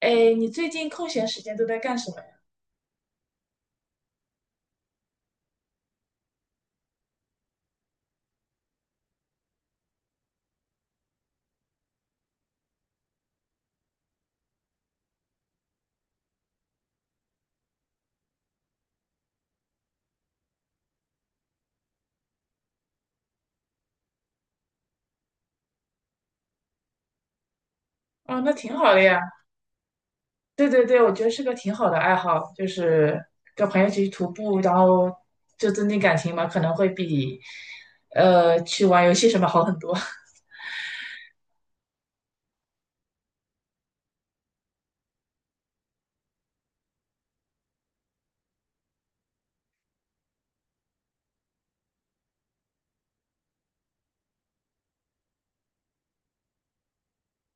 哎，你最近空闲时间都在干什么呀？哦，那挺好的呀。对对对，我觉得是个挺好的爱好，就是跟朋友一起去徒步，然后就增进感情嘛，可能会比去玩游戏什么好很多。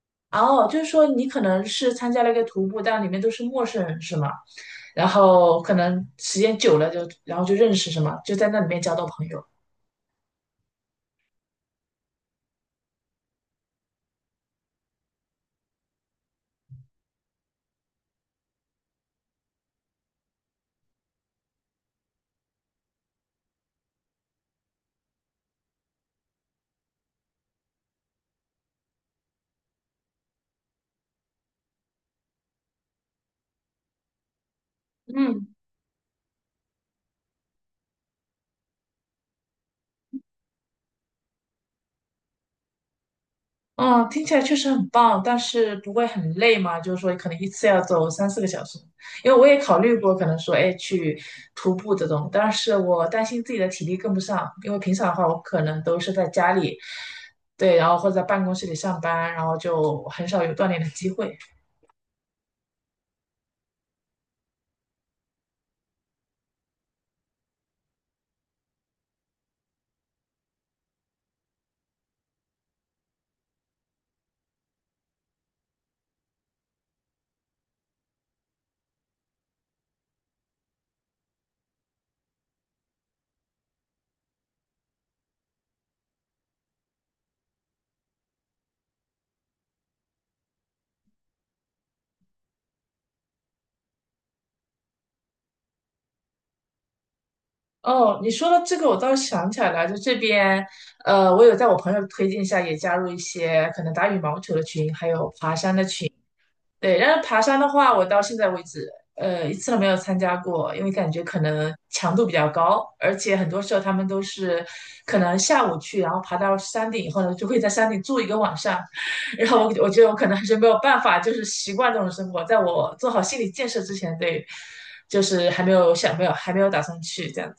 哦，就是说你可能是参加了一个徒步，但里面都是陌生人是吗？然后可能时间久了就，然后就认识什么，就在那里面交到朋友。嗯，嗯，听起来确实很棒，但是不会很累嘛？就是说，可能一次要走3、4个小时，因为我也考虑过，可能说，哎，去徒步这种，但是我担心自己的体力跟不上，因为平常的话，我可能都是在家里，对，然后或者在办公室里上班，然后就很少有锻炼的机会。哦，你说到这个，我倒是想起来了，就这边，我有在我朋友推荐下也加入一些可能打羽毛球的群，还有爬山的群。对，然后爬山的话，我到现在为止，一次都没有参加过，因为感觉可能强度比较高，而且很多时候他们都是可能下午去，然后爬到山顶以后呢，就会在山顶住一个晚上。然后我觉得我可能还是没有办法，就是习惯这种生活，在我做好心理建设之前，对，就是还没有打算去这样。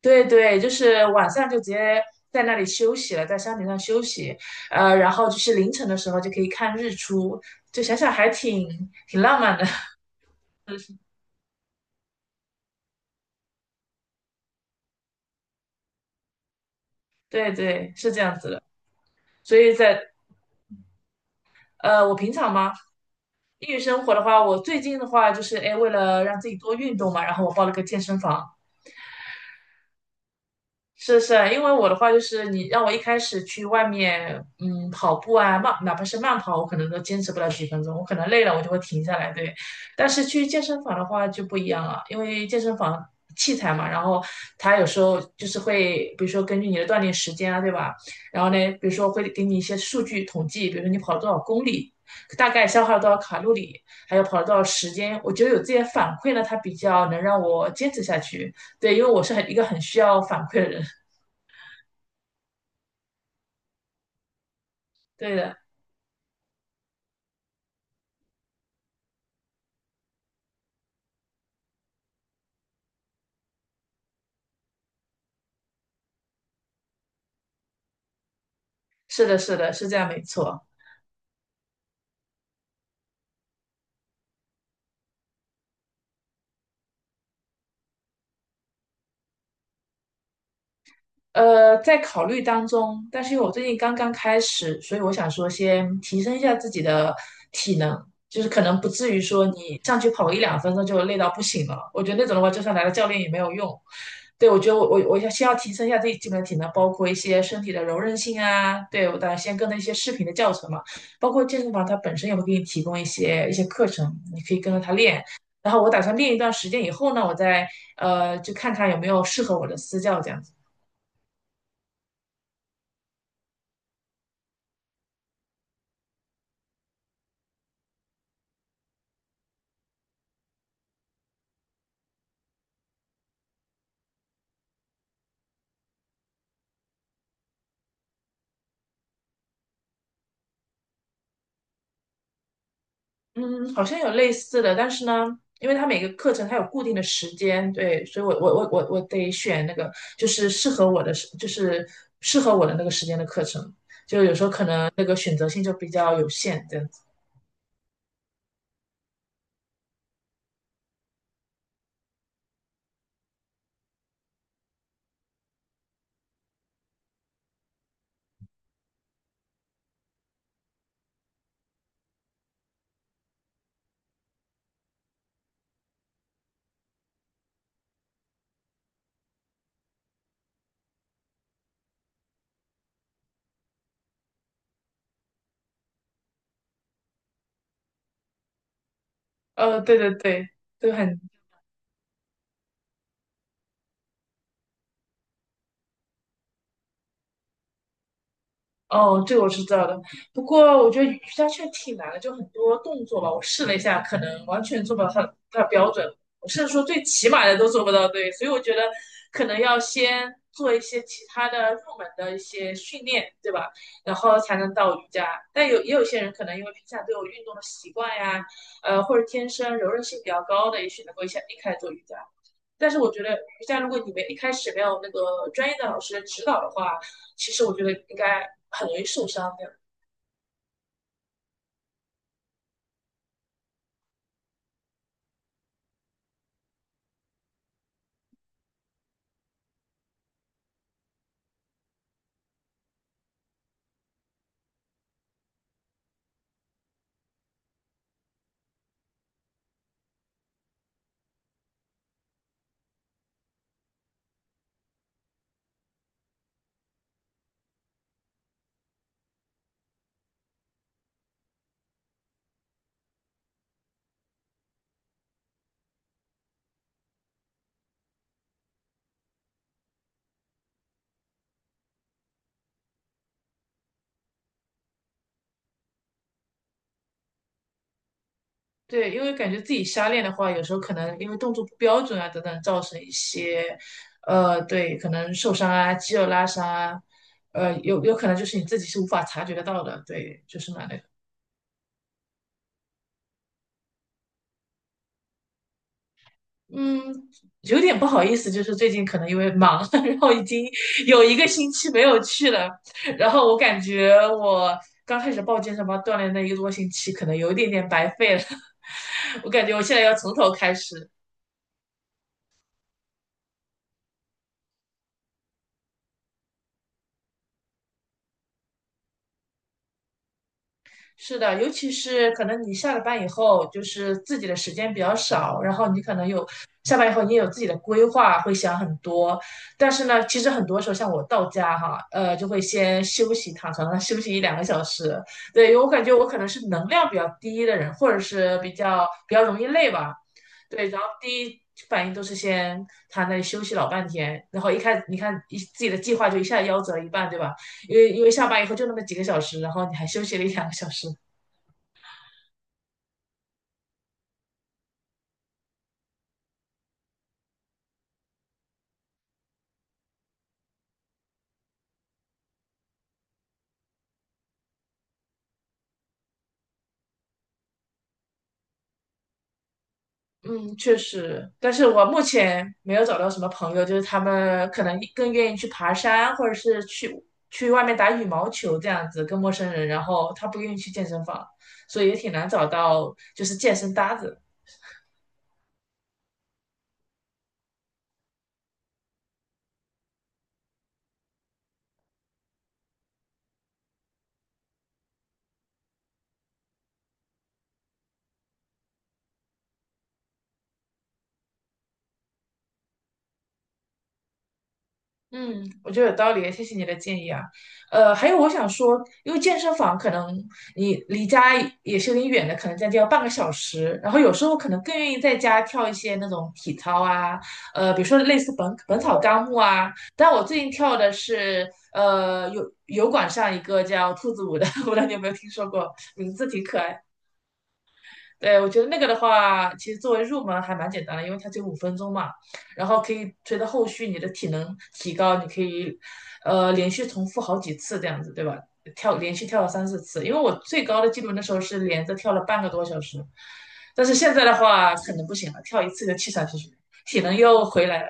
对对，就是晚上就直接在那里休息了，在山顶上休息，然后就是凌晨的时候就可以看日出，就想想还挺浪漫的。对对，是这样子的。所以在我平常嘛，业余生活的话，我最近的话就是，哎，为了让自己多运动嘛，然后我报了个健身房。是是，因为我的话就是你让我一开始去外面，跑步啊，慢，哪怕是慢跑，我可能都坚持不了几分钟，我可能累了我就会停下来，对。但是去健身房的话就不一样了，因为健身房器材嘛，然后它有时候就是会，比如说根据你的锻炼时间啊，对吧？然后呢，比如说会给你一些数据统计，比如说你跑了多少公里，大概消耗了多少卡路里，还有跑了多少时间，我觉得有这些反馈呢，它比较能让我坚持下去。对，因为我是一个很需要反馈的人。对的，是的，是的，是这样，没错。在考虑当中，但是因为我最近刚刚开始，所以我想说先提升一下自己的体能，就是可能不至于说你上去跑个1、2分钟就累到不行了。我觉得那种的话，就算来了教练也没有用。对，我觉得我要先要提升一下自己基本的体能，包括一些身体的柔韧性啊。对，我当然先跟着一些视频的教程嘛，包括健身房它本身也会给你提供一些课程，你可以跟着它练。然后我打算练一段时间以后呢，我再就看看有没有适合我的私教这样子。嗯，好像有类似的，但是呢，因为它每个课程它有固定的时间，对，所以我得选那个就是适合我的那个时间的课程，就有时候可能那个选择性就比较有限，这样子。对对对，都很。哦，这个我是知道的。不过我觉得瑜伽确实挺难的，就很多动作吧，我试了一下，可能完全做不到它的标准。我甚至说最起码的都做不到，对。所以我觉得可能要先做一些其他的入门的一些训练，对吧？然后才能到瑜伽。但也有些人可能因为平常都有运动的习惯呀，或者天生柔韧性比较高的，也许能够一下一开始做瑜伽。但是我觉得瑜伽，如果你们一开始没有那个专业的老师的指导的话，其实我觉得应该很容易受伤的。对，因为感觉自己瞎练的话，有时候可能因为动作不标准啊等等，造成一些，对，可能受伤啊、肌肉拉伤啊，有可能就是你自己是无法察觉得到的，对，就是蛮那个。嗯，有点不好意思，就是最近可能因为忙。然后已经有一个星期没有去了。然后我感觉我刚开始报健身房锻炼那一个多星期，可能有一点点白费了。我感觉我现在要从头开始，是的，尤其是可能你下了班以后，就是自己的时间比较少，然后你可能有下班以后你也有自己的规划，会想很多。但是呢，其实很多时候像我到家哈，就会先休息，躺床上休息一两个小时。对，因为我感觉我可能是能量比较低的人，或者是比较比较容易累吧。对，然后第一反应都是先躺那里休息老半天，然后一开始你看一自己的计划就一下夭折一半，对吧？因为下班以后就那么几个小时，然后你还休息了一两个小时。嗯，确实，但是我目前没有找到什么朋友，就是他们可能更愿意去爬山，或者是去外面打羽毛球这样子，跟陌生人，然后他不愿意去健身房，所以也挺难找到就是健身搭子。嗯，我觉得有道理，谢谢你的建议啊。还有我想说，因为健身房可能你离家也是有点远的，可能将近要半个小时。然后有时候可能更愿意在家跳一些那种体操啊，比如说类似《本草纲目》啊。但我最近跳的是有油管上一个叫兔子舞的。我不知道你有没有听说过，名字挺可爱。对，我觉得那个的话，其实作为入门还蛮简单的，因为它只有5分钟嘛，然后可以随着后续你的体能提高，你可以连续重复好几次这样子，对吧？连续跳了3、4次，因为我最高的记录那时候是连着跳了半个多小时，但是现在的话可能不行了，跳一次就气喘吁吁，体能又回来了。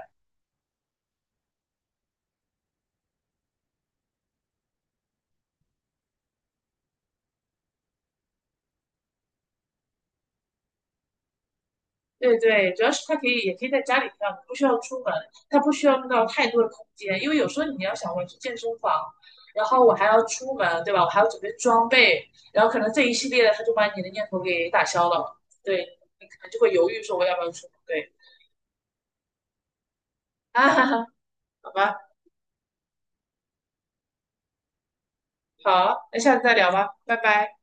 对对，主要是它可以，也可以在家里跳，你不需要出门，它不需要用到太多的空间，因为有时候你要想我去健身房，然后我还要出门，对吧？我还要准备装备，然后可能这一系列的，它就把你的念头给打消了，对，你可能就会犹豫说我要不要出门，对。啊，好吧，好，那下次再聊吧，拜拜。